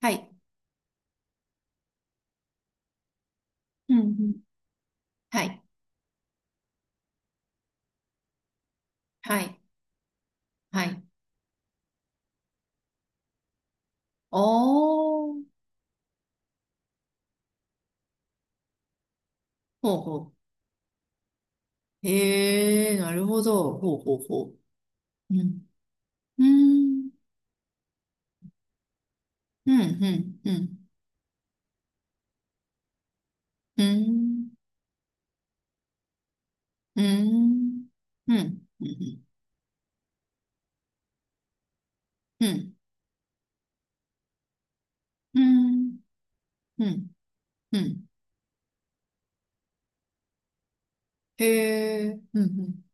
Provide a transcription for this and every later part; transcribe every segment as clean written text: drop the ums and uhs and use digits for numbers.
はい。うんうん。はい。はい。はい。おー。ほうほう。へえ、なるほど。ほうほうほう。うん。うん。うん。うん。うん。うん。うん。うん。うん。うん。うん。うん。うんへえ。うん。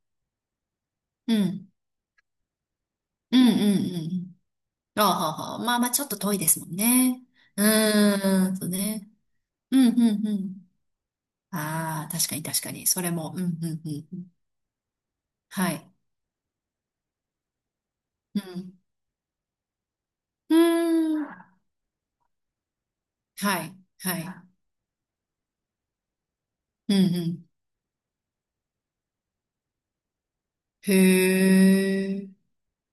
うん。うん。うん。うん。あはは。まあまあ、ちょっと遠いですもんね。うーん。そうね。うん。うん。うん。ああ、確かに確かに。それも。うん。うん。うん。はい。うん。うーん。はい。はい。うんうん。へえ。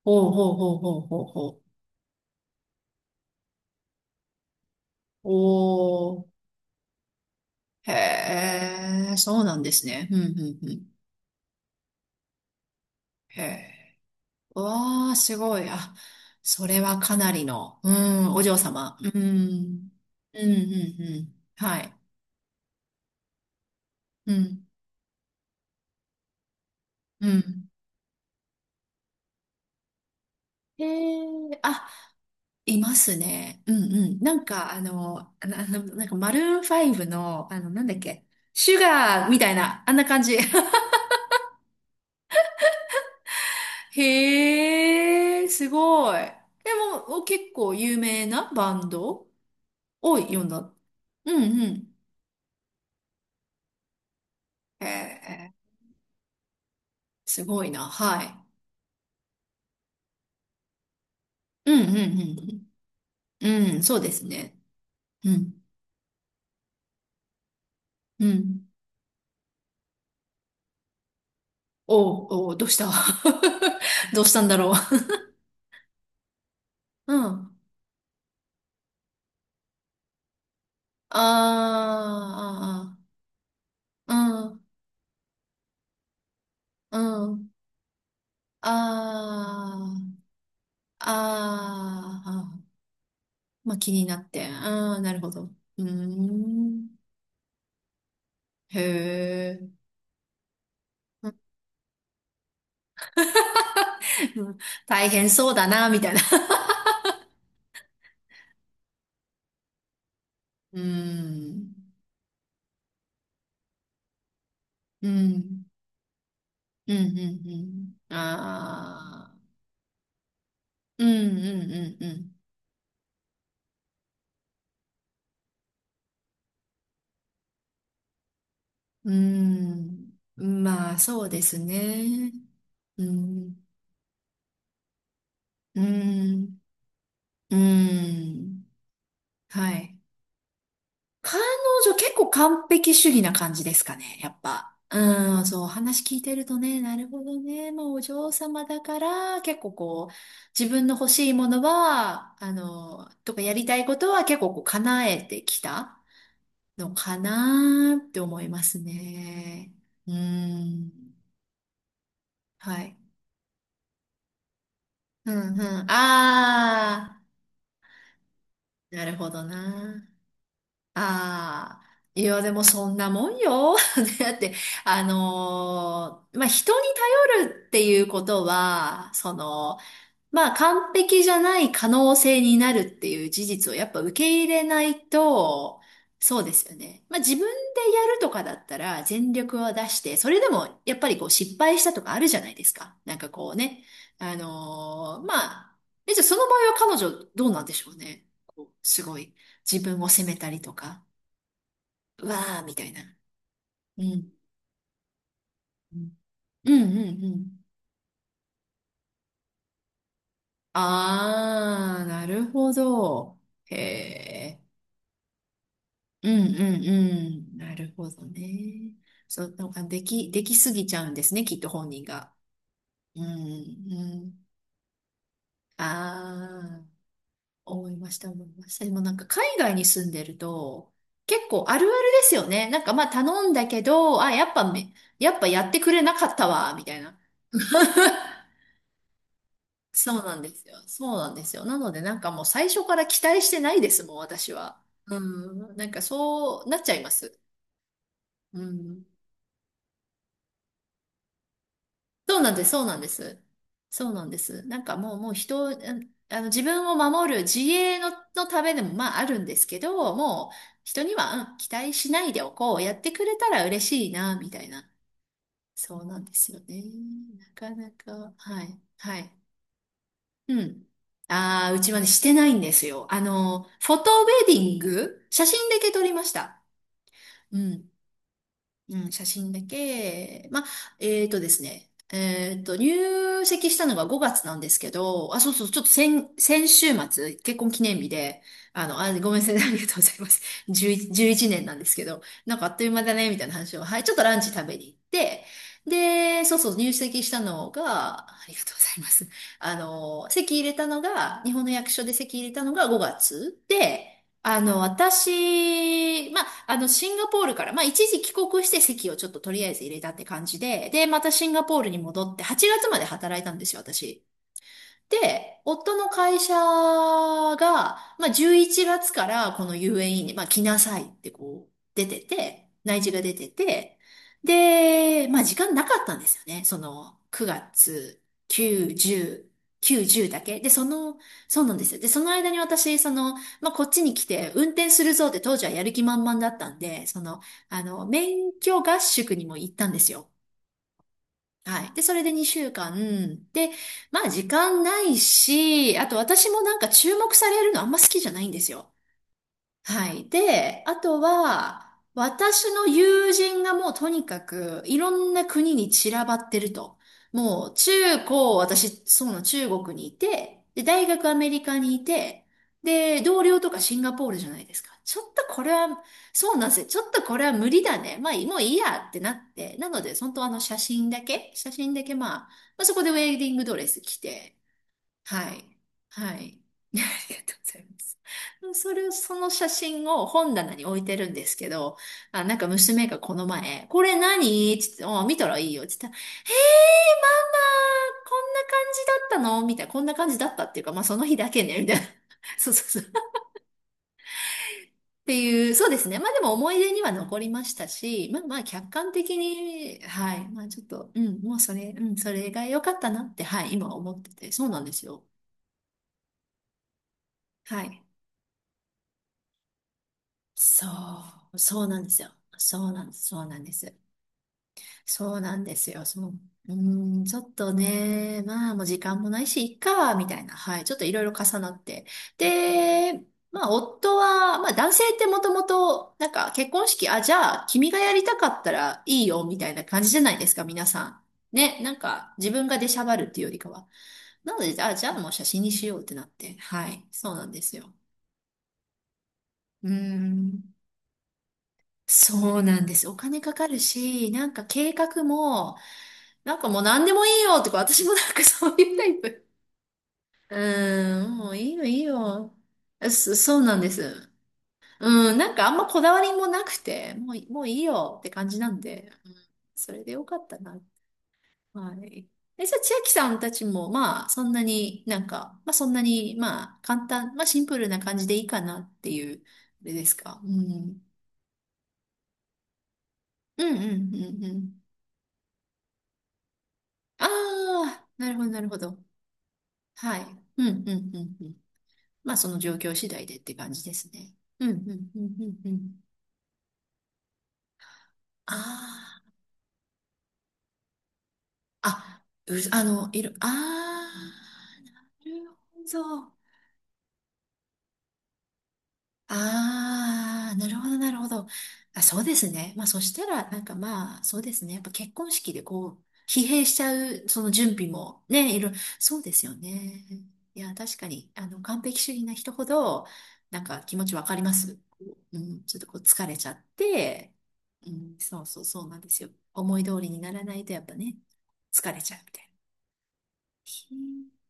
ほうほうほうほうほうほう。おー。へえ。そうなんですね。うんうんうん。へえ。わあ、すごい。あ、それはかなりの、うん、お嬢様。うん。うんうんうんはいうんうんへえあいますね。うんうん。なんか、あの、なんか、マルーン5の、あの、なんだっけ、シュガーみたいな、あんな感じ。へえ、すごい。でも、お結構有名なバンドを読んだ。うんうん。へえ、すごいな。はい。うんうんうんうん。うん、そうですね。うん。うん。おう、おう、どうした どうしたんだろう。うん。あーあー、あーうん、うん。ああ、あーあー、まあ気になって。ああ、なるほど。うーん。へえ。うん大変そうだな、みたいな。うーん。うん。うん、うん、うん。ああ。うん、うん、うん、うん。うーん。まあ、そうですね。うん。うん。うん。はい。彼女結構完璧主義な感じですかね、やっぱ。うん、そう、話聞いてるとね、なるほどね、まあお嬢様だから、結構こう、自分の欲しいものは、あの、とかやりたいことは結構こう、叶えてきたのかなって思いますね。うん、はい。うん、うん、ああ、なるほどな。ああ、いや、でもそんなもんよ。だって、まあ、人に頼るっていうことは、その、まあ、完璧じゃない可能性になるっていう事実をやっぱ受け入れないと、そうですよね。まあ、自分でやるとかだったら全力は出して、それでもやっぱりこう失敗したとかあるじゃないですか。なんかこうね。あのーまあ、え、じゃあその場合は彼女どうなんでしょうね。こうすごい。自分を責めたりとか。わー、みたいな。うん。うん、うん、うんうん。あー、なるほど。へえ。うん、うん、うん。なるほどね。そう、なんかできすぎちゃうんですね、きっと本人が。うん、うん。あー、思いました、思いました。でもなんか海外に住んでると、結構あるあるですよね。なんかまあ頼んだけど、あ、やっぱやってくれなかったわ、みたいな。そうなんですよ。そうなんですよ。なので、なんかもう最初から期待してないですもん、私は。うん。なんかそうなっちゃいます。うん。そうなんです、そうなんです。そうなんです。なんかもう、もう人を、うんあの、自分を守る自衛の、のためでもまああるんですけど、もう人には、うん期待しないでおこう。やってくれたら嬉しいな、みたいな。そうなんですよね。なかなか、はい、はい。うん。ああ、うちはね、してないんですよ。あの、フォトウェディング、写真だけ撮りました。うん。うん、写真だけ。まあ、えっとですね。入籍したのが5月なんですけど、あ、そうそう、ちょっと先週末、結婚記念日で、あの、あ、ごめんなさい、ありがとうございます。11、1年なんですけど、なんかあっという間だね、みたいな話を、はい、ちょっとランチ食べに行って、で、そうそう、入籍したのが、ありがとうございます。あの、籍入れたのが、日本の役所で籍入れたのが5月で、あの、私、まあ、あの、シンガポールから、まあ、一時帰国して席をちょっととりあえず入れたって感じで、で、またシンガポールに戻って、8月まで働いたんですよ、私。で、夫の会社が、まあ、11月からこの遊園 e に、まあ、来なさいってこう、出てて、内示が出てて、で、まあ、時間なかったんですよね。その、9月、9、10、9、10だけ。で、その、そうなんですよ。で、その間に私、その、まあ、こっちに来て、運転するぞって当時はやる気満々だったんで、その、あの、免許合宿にも行ったんですよ。はい。で、それで2週間。で、まあ時間ないし、あと私もなんか注目されるのあんま好きじゃないんですよ。はい。で、あとは、私の友人がもうとにかくいろんな国に散らばってると。もう中高、私、そうなの中国にいて、で、大学アメリカにいて、で、同僚とかシンガポールじゃないですか。ちょっとこれは、そうなんですよ。ちょっとこれは無理だね。まあ、もういいやってなって。なので、本当あの写真だけまあ、まあそこでウェディングドレス着て、はい。はい。ありがとうございます。それを、その写真を本棚に置いてるんですけど、あ、なんか娘がこの前、これ何つって、あ、見たらいいよ。つって言ったら、えー、ママ、こんな感じだったのみたいな、こんな感じだったっていうか、まあその日だけね、みたいな。そうそうそう。っていう、そうですね。まあでも思い出には残りましたし、まあまあ客観的に、はい。まあちょっと、うん、もうそれ、うん、それが良かったなって、はい、今思ってて、そうなんですよ。はい。そそうなんですよ。そうなんです、そうなんです。そうなんですよ。そう。うーん、ちょっとね、まあもう時間もないし、いっか、みたいな。はい。ちょっといろいろ重なって。で、まあ夫は、まあ男性ってもともと、なんか結婚式、あ、じゃあ君がやりたかったらいいよ、みたいな感じじゃないですか、皆さん。ね、なんか自分が出しゃばるっていうよりかは。なので、あ、じゃあもう写真にしようってなって。はい。そうなんですよ。うーん。そうなんです。お金かかるし、なんか計画も、なんかもう何でもいいよとか、私もなんかそういうタイプ。うーん、もういいよいいよ。そうなんです。うん、なんかあんまこだわりもなくて、もういいよって感じなんで、うん、それでよかったな。はい。え、じゃあ千秋さんたちも、まあ、そんなになんか、まあそんなに、まあ簡単、まあシンプルな感じでいいかなっていう、あれですか。うん。うんうんうんうん。ああ、なるほど、なるほど。はい。うん、うん、うん、うん。まあ、その状況次第でって感じですね。うん、うん、うん、うん、うん。ああ、あ、う、あの、いる、ああ、なるほど。ああ、なるほど、なるほど。あ、そうですね。まあ、そしたら、なんかまあ、そうですね。やっぱ結婚式でこう、疲弊しちゃう、その準備も、ね、いろ、そうですよね。いや、確かに、あの、完璧主義な人ほど、なんか気持ちわかります。うん、ちょっとこう、疲れちゃって、うん、そうそう、そうなんですよ。思い通りにならないと、やっぱね、疲れちゃうみたいな。ひー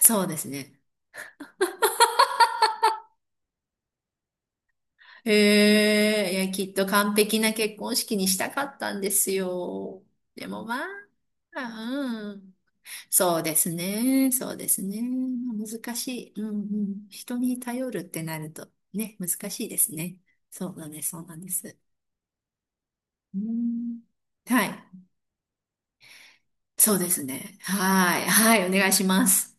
そうですね。へえ、いや、きっと完璧な結婚式にしたかったんですよ。でもまあ、うん。そうですね、そうですね。まあ難しい。うんうん。人に頼るってなるとね、難しいですね。そうなんです、そうなんです。うん。はい。そうですね。はい。はい、お願いします。